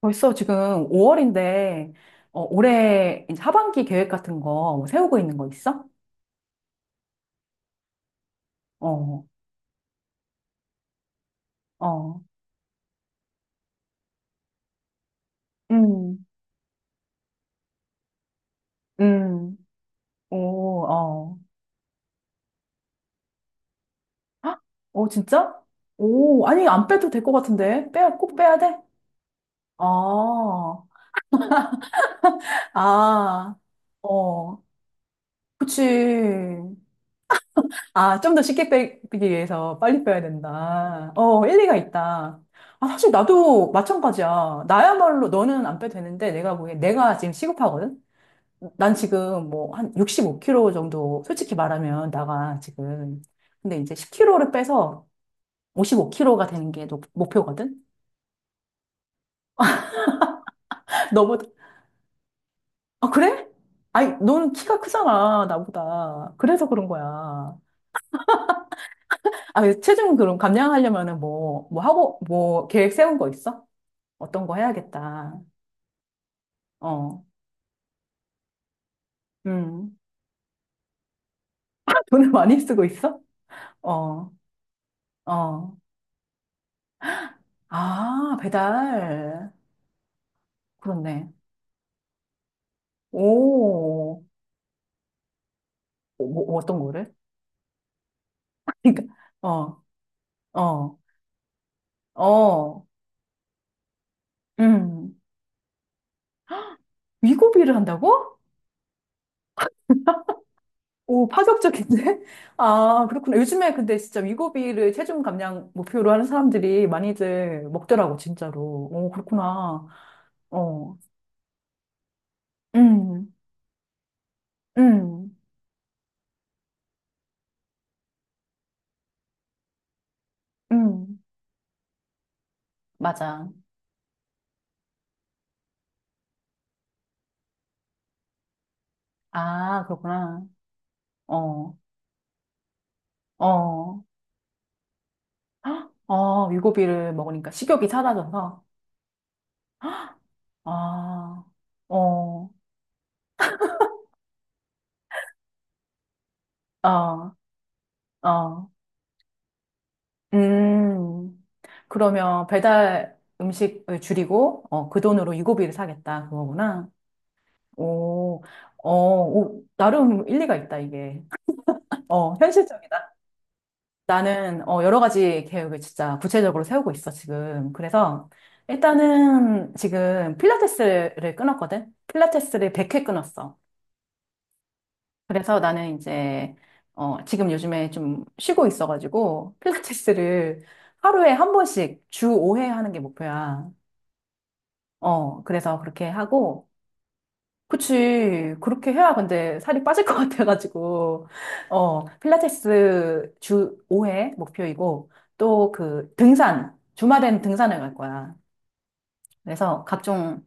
벌써 지금 5월인데, 어, 올해 이제 하반기 계획 같은 거뭐 세우고 있는 거 있어? 어, 어, 음, 음, 오, 어. 헉? 어, 진짜? 오, 아니, 안 빼도 될 것 같은데? 빼야, 꼭 빼야 돼? 아, 아, 어, 그치. 아, 좀 더 쉽게 빼기 위해서 빨리 빼야 된다. 어, 일리가 있다. 아, 사실 나도 마찬가지야. 나야말로 너는 안 빼도 되는데 내가 보기엔 내가 지금 시급하거든? 난 지금 뭐 한 65kg 정도 솔직히 말하면 나가 지금. 근데 이제 10kg를 빼서 55kg가 되는 게 목표거든? 너보다. 아, 그래? 아니, 너는 키가 크잖아, 나보다. 그래서 그런 거야. 아, 체중 그럼 감량하려면은 뭐 하고, 뭐 계획 세운 거 있어? 어떤 거 해야겠다. 어, 음. 돈을 많이 쓰고 있어? 어, 어. 아, 배달. 그렇네. 오, 뭐 어떤 거를? 그러니까, 어, 어, 어, 음. 위고비를 한다고? 오, 파격적인데? 아, 그렇구나. 요즘에 근데 진짜 위고비를 체중 감량 목표로 하는 사람들이 많이들 먹더라고, 진짜로. 오, 그렇구나. 어, 음, 음, 음. 맞아. 아, 그렇구나. 어, 어, 헉, 어, 유고비를 먹으니까 식욕이 사라져서, 아, 어, 어, 어, 음. 그러면 배달 음식을 줄이고, 어, 그 돈으로 유고비를 사겠다, 그거구나. 오, 어, 오, 나름 일리가 있다, 이게. 어, 현실적이다. 나는 어, 여러 가지 계획을 진짜 구체적으로 세우고 있어, 지금. 그래서 일단은 지금 필라테스를 끊었거든? 필라테스를 100회 끊었어. 그래서 나는 이제 어, 지금 요즘에 좀 쉬고 있어가지고 필라테스를 하루에 한 번씩 주 5회 하는 게 목표야. 어, 그래서 그렇게 하고 그치. 그렇게 해야 근데 살이 빠질 것 같아가지고. 어, 필라테스 주 5회 목표이고, 또 그 등산, 주말엔 등산을 갈 거야. 그래서 각종,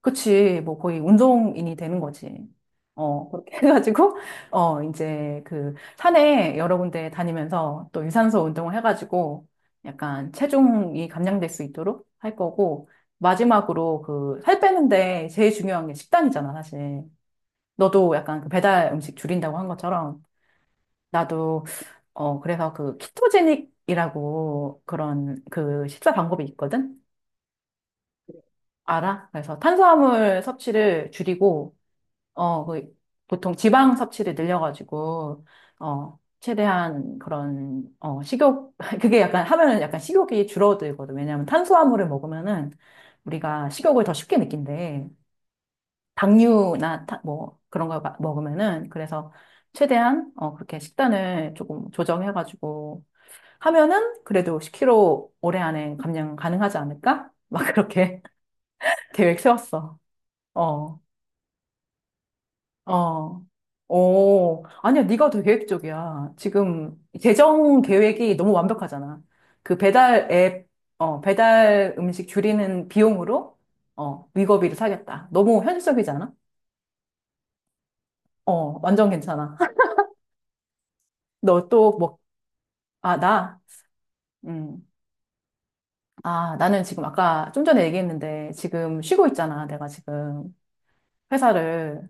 그치. 뭐 거의 운동인이 되는 거지. 어, 그렇게 해가지고, 어, 이제 그 산에 여러 군데 다니면서 또 유산소 운동을 해가지고 약간 체중이 감량될 수 있도록 할 거고, 마지막으로 그 살 빼는데 제일 중요한 게 식단이잖아, 사실. 너도 약간 그 배달 음식 줄인다고 한 것처럼 나도 어 그래서 그 키토제닉이라고 그런 그 식사 방법이 있거든. 알아? 그래서 탄수화물 섭취를 줄이고 어그 보통 지방 섭취를 늘려가지고 어 최대한 그런 어 식욕 그게 약간 하면은 약간 식욕이 줄어들거든. 왜냐하면 탄수화물을 먹으면은 우리가 식욕을 더 쉽게 느낀대. 당류나 뭐 그런 걸 먹으면은 그래서 최대한 어 그렇게 식단을 조금 조정해가지고 하면은 그래도 10kg 올해 안에 감량 가능하지 않을까? 막 그렇게 계획 세웠어. 어, 어. 오, 아니야, 네가 더 계획적이야. 지금 재정 계획이 너무 완벽하잖아. 그 배달 앱, 어, 배달 음식 줄이는 비용으로 어, 위거비를 사겠다. 너무 현실적이지 않아? 어, 완전 괜찮아. 너또뭐 아, 나? 음. 아, 나는 지금 아까 좀 전에 얘기했는데 지금 쉬고 있잖아. 내가 지금 회사를.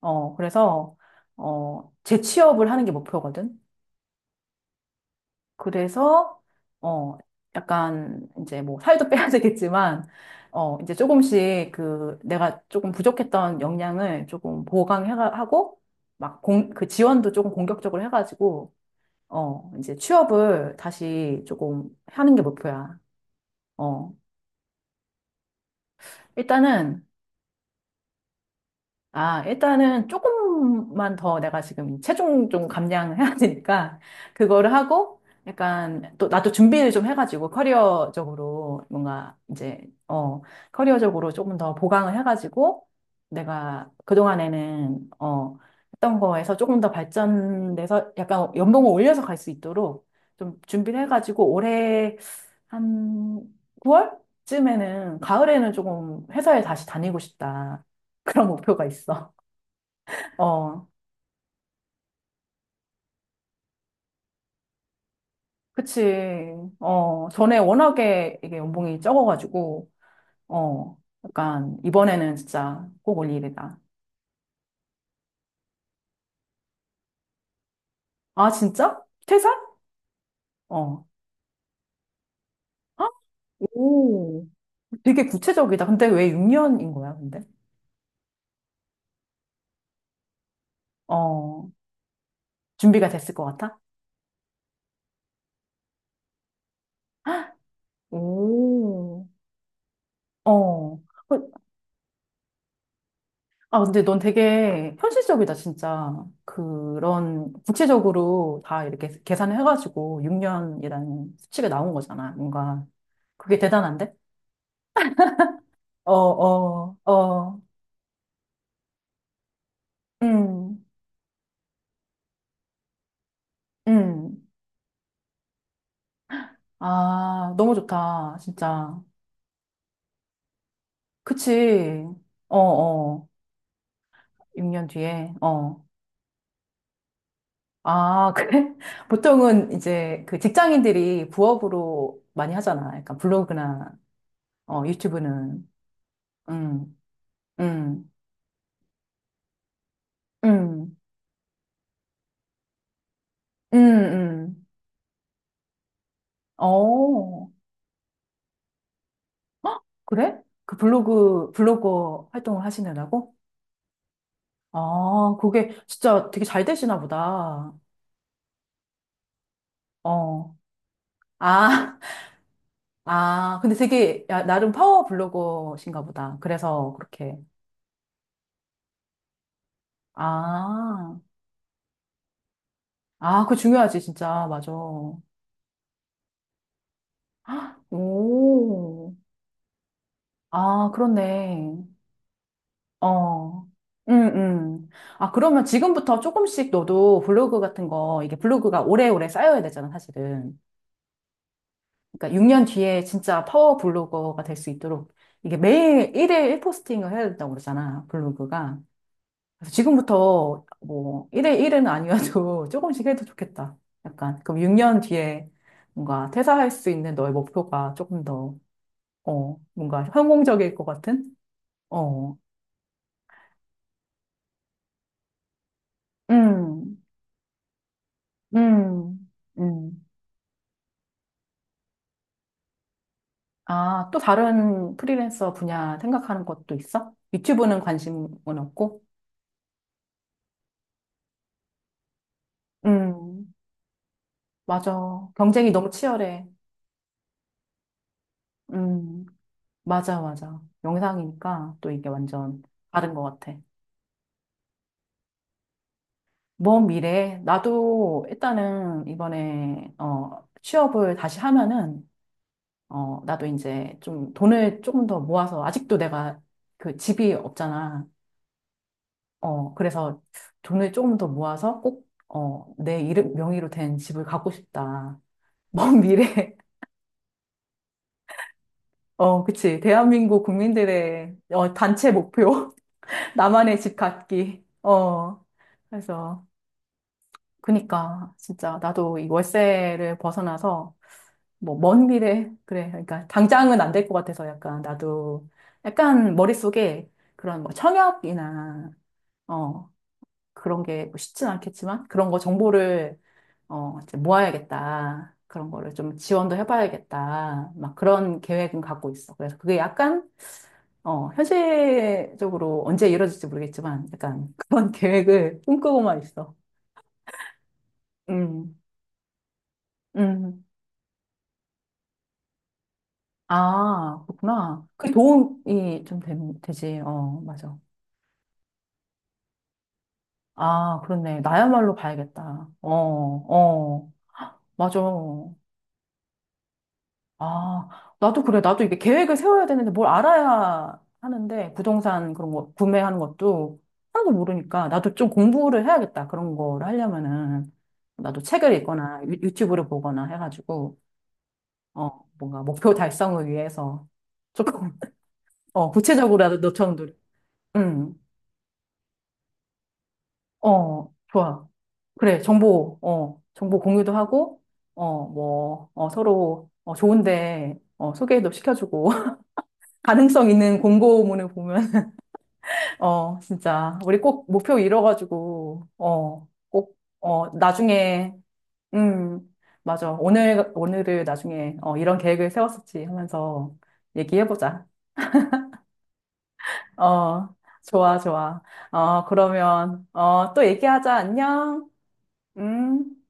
어, 그래서, 어, 재취업을 하는 게 목표거든. 그래서, 어, 약간 이제 뭐 살도 빼야 되겠지만, 어, 이제 조금씩 그 내가 조금 부족했던 역량을 조금 보강하고, 막 그 지원도 조금 공격적으로 해가지고, 어, 이제 취업을 다시 조금 하는 게 목표야. 어. 일단은 일단은 조금만 더 내가 지금 체중 좀 감량해야 되니까, 그거를 하고, 약간, 또, 나도 준비를 좀 해가지고, 커리어적으로, 뭔가, 이제, 어, 커리어적으로 조금 더 보강을 해가지고, 내가 그동안에는, 어, 했던 거에서 조금 더 발전돼서, 약간 연봉을 올려서 갈 수 있도록 좀 준비를 해가지고, 올해 한 9월쯤에는, 가을에는 조금 회사에 다시 다니고 싶다. 그런 목표가 있어. 어, 그치. 어, 전에 워낙에 이게 연봉이 적어가지고, 어, 약간, 이번에는 진짜 꼭 올 일이다. 아, 진짜? 퇴사? 어. 헉, 오, 되게 구체적이다. 근데 왜 6년인 거야, 근데? 어, 준비가 됐을 것 같아? 헉, 오, 어. 어, 아, 근데 넌 되게 현실적이다, 진짜. 그런, 구체적으로 다 이렇게 계산을 해가지고 6년이라는 수치가 나온 거잖아, 뭔가. 그게 대단한데? 어, 어, 어, 음, 음. 아, 너무 좋다, 진짜. 그치. 어, 어. 6년 뒤에, 어. 아, 그래? 보통은 이제 그 직장인들이 부업으로 많이 하잖아. 약간 블로그나, 어, 유튜브는. 음, 음, 음. 음, 음. 어, 헉, 그래? 그 블로그, 블로거 활동을 하시느라고? 아, 그게 진짜 되게 잘 되시나 보다. 어, 아, 아, 근데 되게, 야, 나름 파워 블로거신가 보다. 그래서 그렇게. 아, 아, 그거 중요하지, 진짜. 맞아. 오, 아, 그렇네. 어, 음, 음. 아, 그러면 지금부터 조금씩 너도 블로그 같은 거, 이게 블로그가 오래오래 쌓여야 되잖아, 사실은. 그러니까 6년 뒤에 진짜 파워 블로거가 될 수 있도록 이게 매일 1일 1포스팅을 해야 된다고 그러잖아, 블로그가. 그래서 지금부터 뭐, 1일 1은 아니어도 조금씩 해도 좋겠다. 약간. 그럼 6년 뒤에 뭔가 퇴사할 수 있는 너의 목표가 조금 더, 어, 뭔가 성공적일 것 같은? 어, 음, 음, 음. 아, 또 다른 프리랜서 분야 생각하는 것도 있어? 유튜브는 관심은 없고? 음, 맞아. 경쟁이 너무 치열해. 음, 맞아, 맞아. 영상이니까 또 이게 완전 다른 것 같아. 먼 미래에, 나도 일단은 이번에, 어, 취업을 다시 하면은, 어, 나도 이제 좀 돈을 조금 더 모아서, 아직도 내가 그 집이 없잖아. 어, 그래서 돈을 조금 더 모아서 꼭, 어, 내 이름, 명의로 된 집을 갖고 싶다. 먼 미래, 어, 그치. 대한민국 국민들의, 어, 단체 목표. 나만의 집 갖기. 어, 그래서, 그니까, 진짜, 나도 이 월세를 벗어나서, 뭐, 먼 미래, 그래. 그러니까, 당장은 안 될 것 같아서 약간, 나도, 약간 머릿속에 그런 뭐 청약이나, 어, 그런 게뭐 쉽진 않겠지만 그런 거 정보를 어, 이제 모아야겠다. 그런 거를 좀 지원도 해봐야겠다. 막 그런 계획은 갖고 있어. 그래서 그게 약간 어, 현실적으로 언제 이루어질지 모르겠지만 약간 그런 계획을 꿈꾸고만 있어. 음, 음. 아, 그렇구나. 그 도움이 좀 되지. 어, 맞아. 아, 그렇네. 나야말로 봐야겠다. 어, 어, 맞아. 아, 나도 그래. 나도 이게 계획을 세워야 되는데 뭘 알아야 하는데 부동산 그런 거 구매하는 것도 하나도 모르니까 나도 좀 공부를 해야겠다. 그런 거를 하려면은 나도 책을 읽거나 유튜브를 보거나 해가지고 어, 뭔가 목표 달성을 위해서 조금 어, 구체적으로라도 너처럼 노 음. 어, 좋아. 그래. 정보 공유도 하고 어, 뭐 어, 서로 어, 좋은데 어, 소개도 시켜주고 가능성 있는 공고문을 보면 어, 진짜. 우리 꼭 목표 이뤄가지고, 어, 꼭, 어, 나중에, 음, 맞아. 오늘을 나중에, 어, 이런 계획을 세웠었지 하면서 얘기해보자. 어, 좋아, 좋아. 어, 그러면, 어, 또 얘기하자. 안녕. 음.